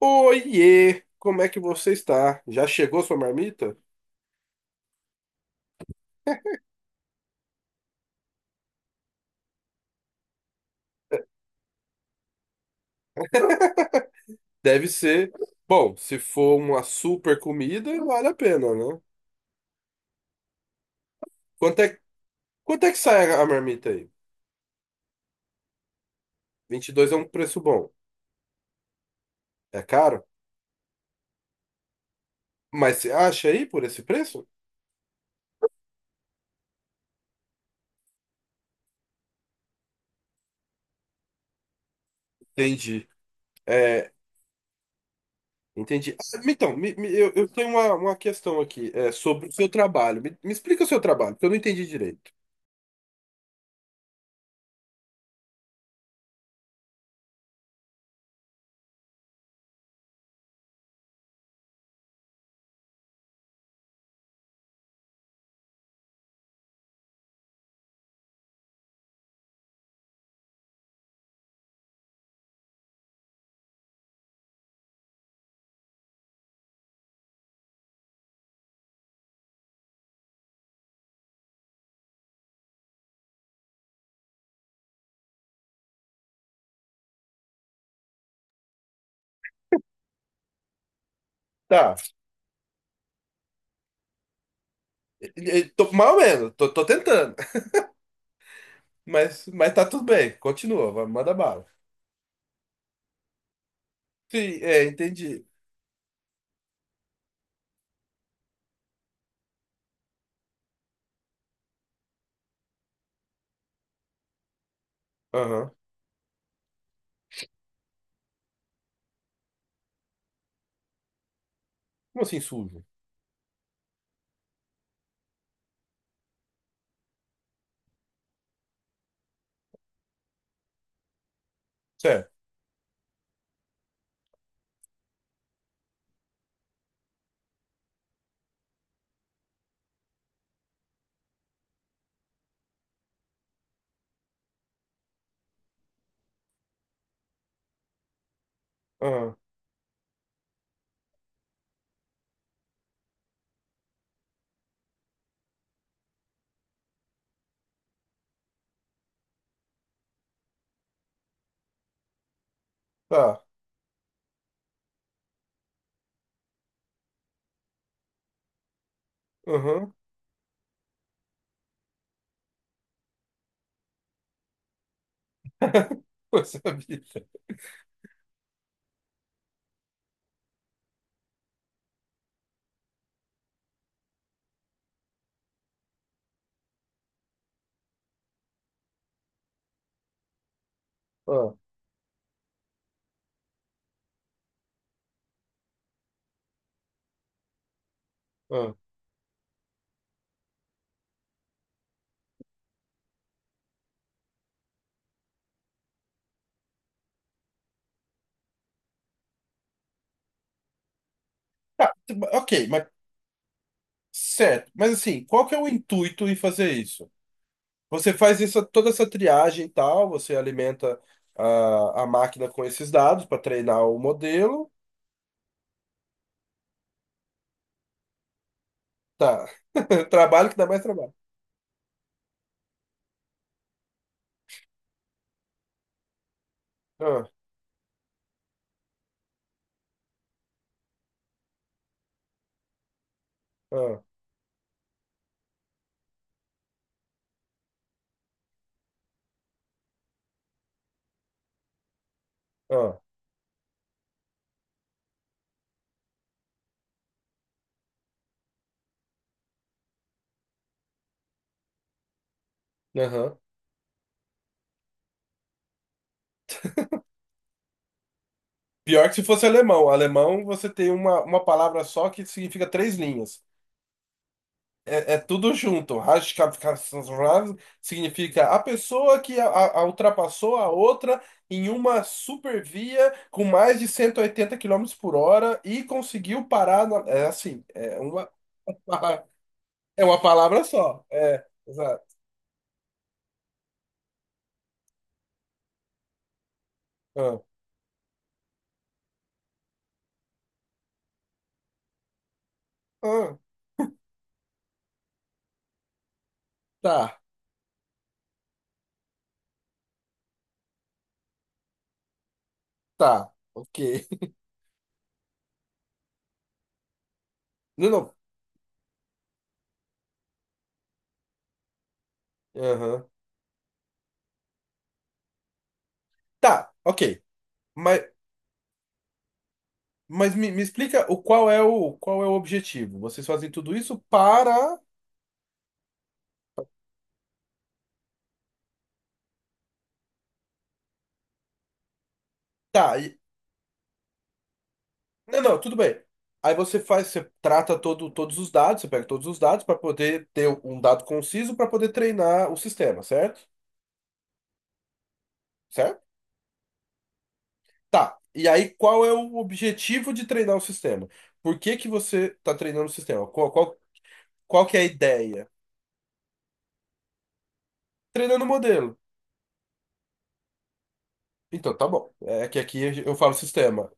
Oiê, como é que você está? Já chegou sua marmita? Deve ser. Bom, se for uma super comida, vale a pena, né? Quanto é, quanto é que sai a marmita aí? 22 é um preço bom. É caro? Mas você acha aí por esse preço? Entendi. É, entendi. Então, eu tenho uma questão aqui, sobre o seu trabalho. Me explica o seu trabalho, porque eu não entendi direito. Tá. Tô, mais ou menos, tô tentando. Mas tá tudo bem. Continua, vai, manda bala. Sim, é, entendi. Aham. Como assim sujo? Certo. Aham. Tá. Aham. Coisa vida. Ah, ah. Tá, t- ok, mas certo. Mas assim, qual que é o intuito em fazer isso? Você faz essa, toda essa triagem e tal, você alimenta a máquina com esses dados para treinar o modelo. Tá. Trabalho que dá mais trabalho. Ah, ah, ah. Aham. Pior que se fosse alemão. Alemão, você tem uma palavra só que significa três linhas. É, é tudo junto. Hashkapkasrav significa a pessoa que a ultrapassou a outra em uma supervia com mais de 180 km por hora e conseguiu parar. É assim, é uma, é uma palavra só. É, exato. Ah, ah, tá, tá, ok. Não, não. Aham. Tá, ok. Mas, mas me explica o qual é o, qual é o objetivo. Vocês fazem tudo isso para. Tá, não, não, tudo bem. Aí você faz, você trata todo, todos os dados, você pega todos os dados para poder ter um dado conciso para poder treinar o sistema, certo? Certo? Tá. E aí, qual é o objetivo de treinar o sistema? Por que que você está treinando o sistema? Qual, qual, qual que é a ideia? Treinando o modelo. Então, tá bom. É que aqui eu falo sistema.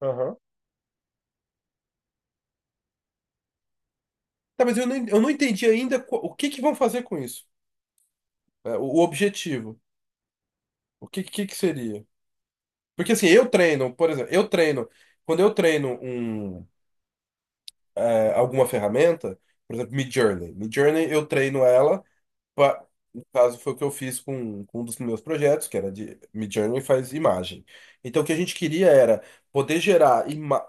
Aham. Tá, mas eu não entendi ainda o que que vão fazer com isso. É, o objetivo. O que, que seria? Porque assim, eu treino, por exemplo, eu treino, quando eu treino um, alguma ferramenta, por exemplo, Midjourney. Midjourney eu treino ela, pra, no caso foi o que eu fiz com um dos meus projetos, que era de Midjourney faz imagem. Então o que a gente queria era poder gerar imagem.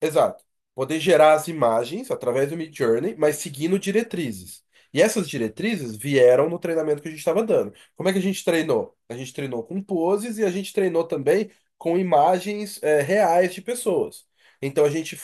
Exato. Poder gerar as imagens através do Midjourney, mas seguindo diretrizes. E essas diretrizes vieram no treinamento que a gente estava dando. Como é que a gente treinou? A gente treinou com poses e a gente treinou também com imagens reais de pessoas. Então a gente.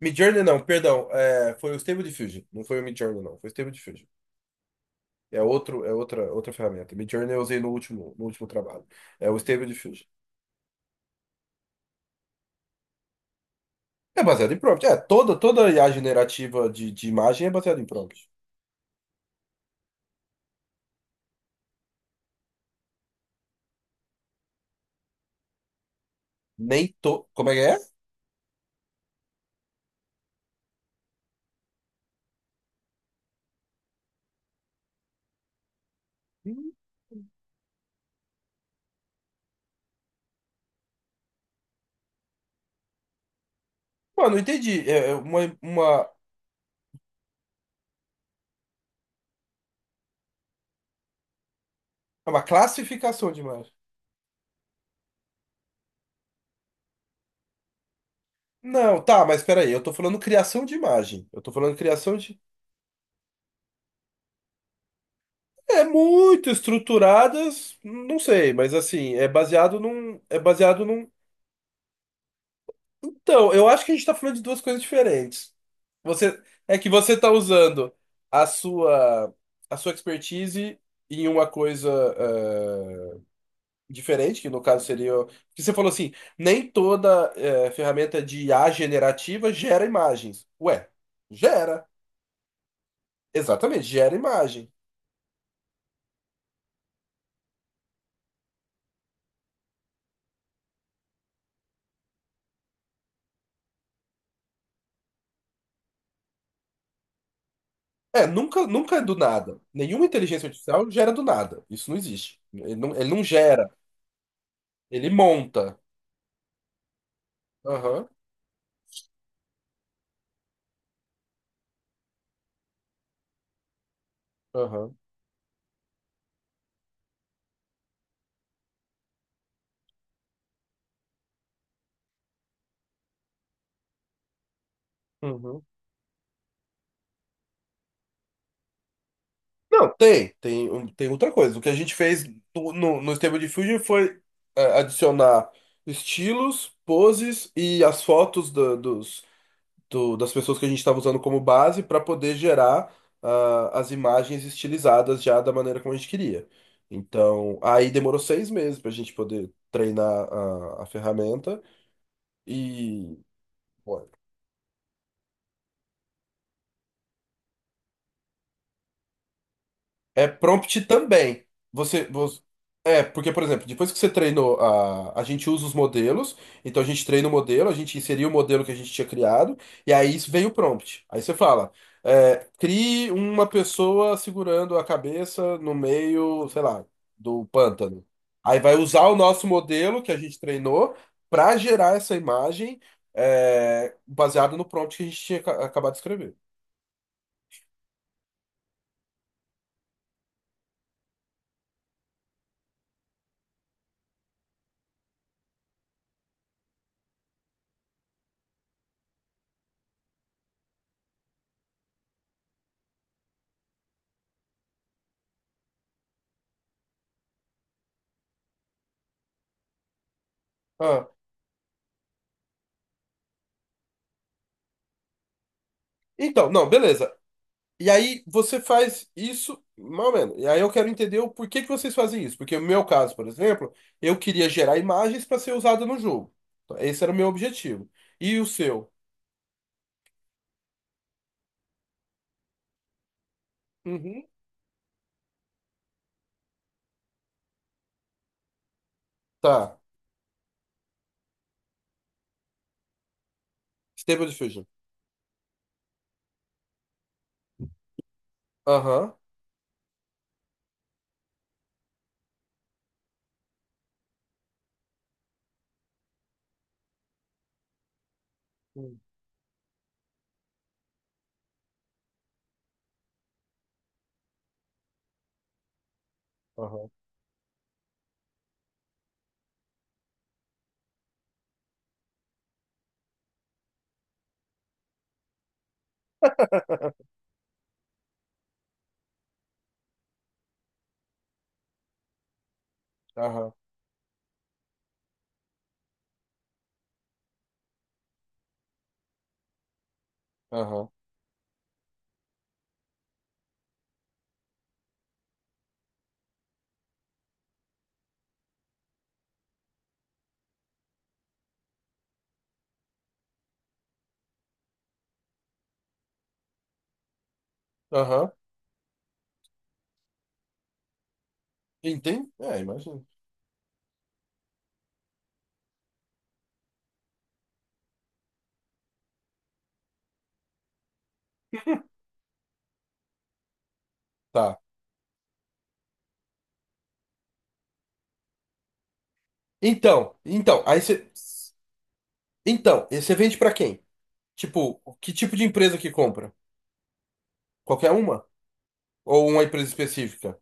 Midjourney não, perdão, foi o Stable Diffusion. Não foi o Midjourney, não, foi o Stable Diffusion. É outro, é outra, outra ferramenta. Midjourney eu usei no último, no último trabalho. É o Stable Diffusion. É baseado em prompt. É, toda, toda IA generativa de imagem é baseada em prompt. Nem to... Como é que é? Mano, não entendi. É uma, é uma classificação de imagem. Não, tá, mas peraí, eu tô falando criação de imagem. Eu tô falando criação de. É muito estruturadas, não sei, mas assim, é baseado num. É baseado num. Então, eu acho que a gente tá falando de duas coisas diferentes. Você. É que você tá usando a sua. A sua expertise em uma coisa. eh, Diferente, que no caso seria. Que você falou assim, nem toda ferramenta de IA generativa gera imagens. Ué, gera. Exatamente, gera imagem. É, nunca, nunca é do nada. Nenhuma inteligência artificial gera do nada. Isso não existe. Ele não gera, ele monta. Aham, aham, uhum. Não, tem, tem, tem outra coisa. O que a gente fez no, no, no Stable Diffusion foi adicionar estilos, poses e as fotos dos das pessoas que a gente estava usando como base para poder gerar ah, as imagens estilizadas já da maneira como a gente queria. Então, aí demorou 6 meses para a gente poder treinar a ferramenta e. É prompt também. Você, você- é, porque, por exemplo, depois que você treinou a gente usa os modelos, então a gente treina o modelo, a gente inseriu o modelo que a gente tinha criado, e aí isso vem o prompt. Aí você fala, é, crie uma pessoa segurando a cabeça no meio, sei lá, do pântano. Aí vai usar o nosso modelo que a gente treinou para gerar essa imagem, é, baseada no prompt que a gente tinha acabado de escrever. Ah, então, não, beleza. E aí você faz isso, mais ou menos. E aí eu quero entender o porquê que vocês fazem isso. Porque no meu caso, por exemplo, eu queria gerar imagens para ser usada no jogo. Então, esse era o meu objetivo. E o seu? Uhum. Tá. Stable Diffusion. Aham. Hum. Aham. Aham. Aham. Aham. Entendi? É, imagina. Tá. Então, então, aí você. Então, e você vende para quem? Tipo, que tipo de empresa que compra? Qualquer uma? Ou uma empresa específica?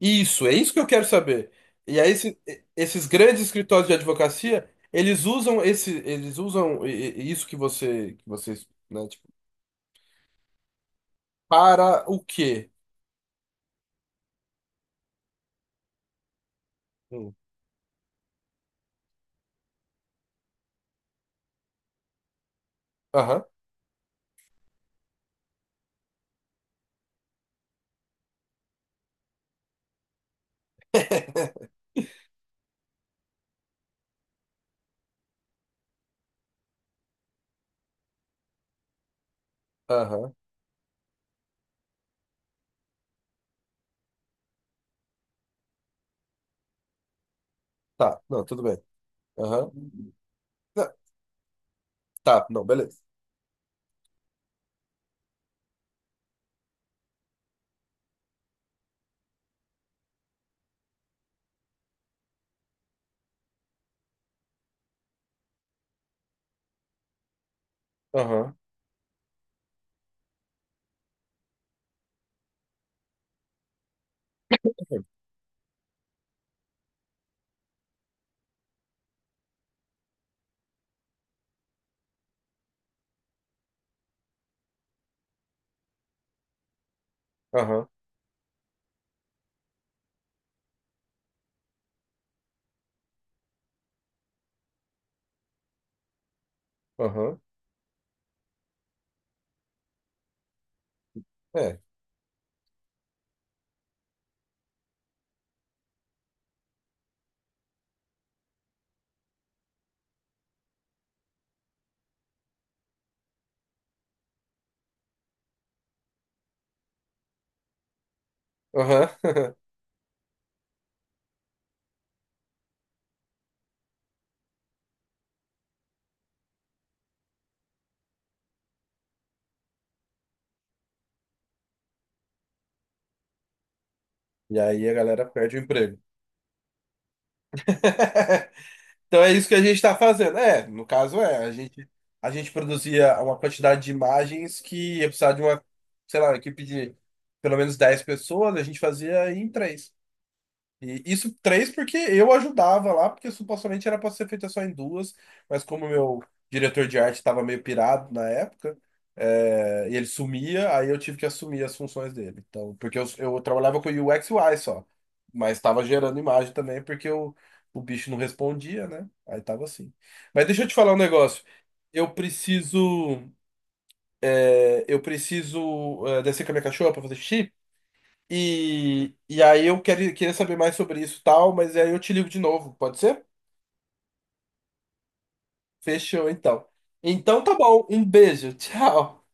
Isso, é isso que eu quero saber. E aí, esses grandes escritórios de advocacia, eles usam esse, eles usam isso que você, que vocês, né, tipo, para o quê? Hum. Aham, aham, tá, não, tudo bem. Aham, tá, tá, não, beleza. Aham, aham, aham, é, aham. E aí a galera perde o emprego. Então é isso que a gente está fazendo. É, no caso é, a gente produzia uma quantidade de imagens que ia precisar de uma, sei lá, uma equipe de pelo menos 10 pessoas, a gente fazia em três. E isso três porque eu ajudava lá, porque supostamente era para ser feita só em duas, mas como meu diretor de arte estava meio pirado na época, é, e ele sumia, aí eu tive que assumir as funções dele. Então, porque eu trabalhava com UX e UI só, mas estava gerando imagem também porque eu, o bicho não respondia, né? Aí tava assim. Mas deixa eu te falar um negócio. Eu preciso, eu preciso, é, descer com a minha cachorra para fazer xixi. E aí eu quero, queria saber mais sobre isso e tal, mas aí eu te ligo de novo, pode ser? Fechou, então. Então tá bom, um beijo, tchau.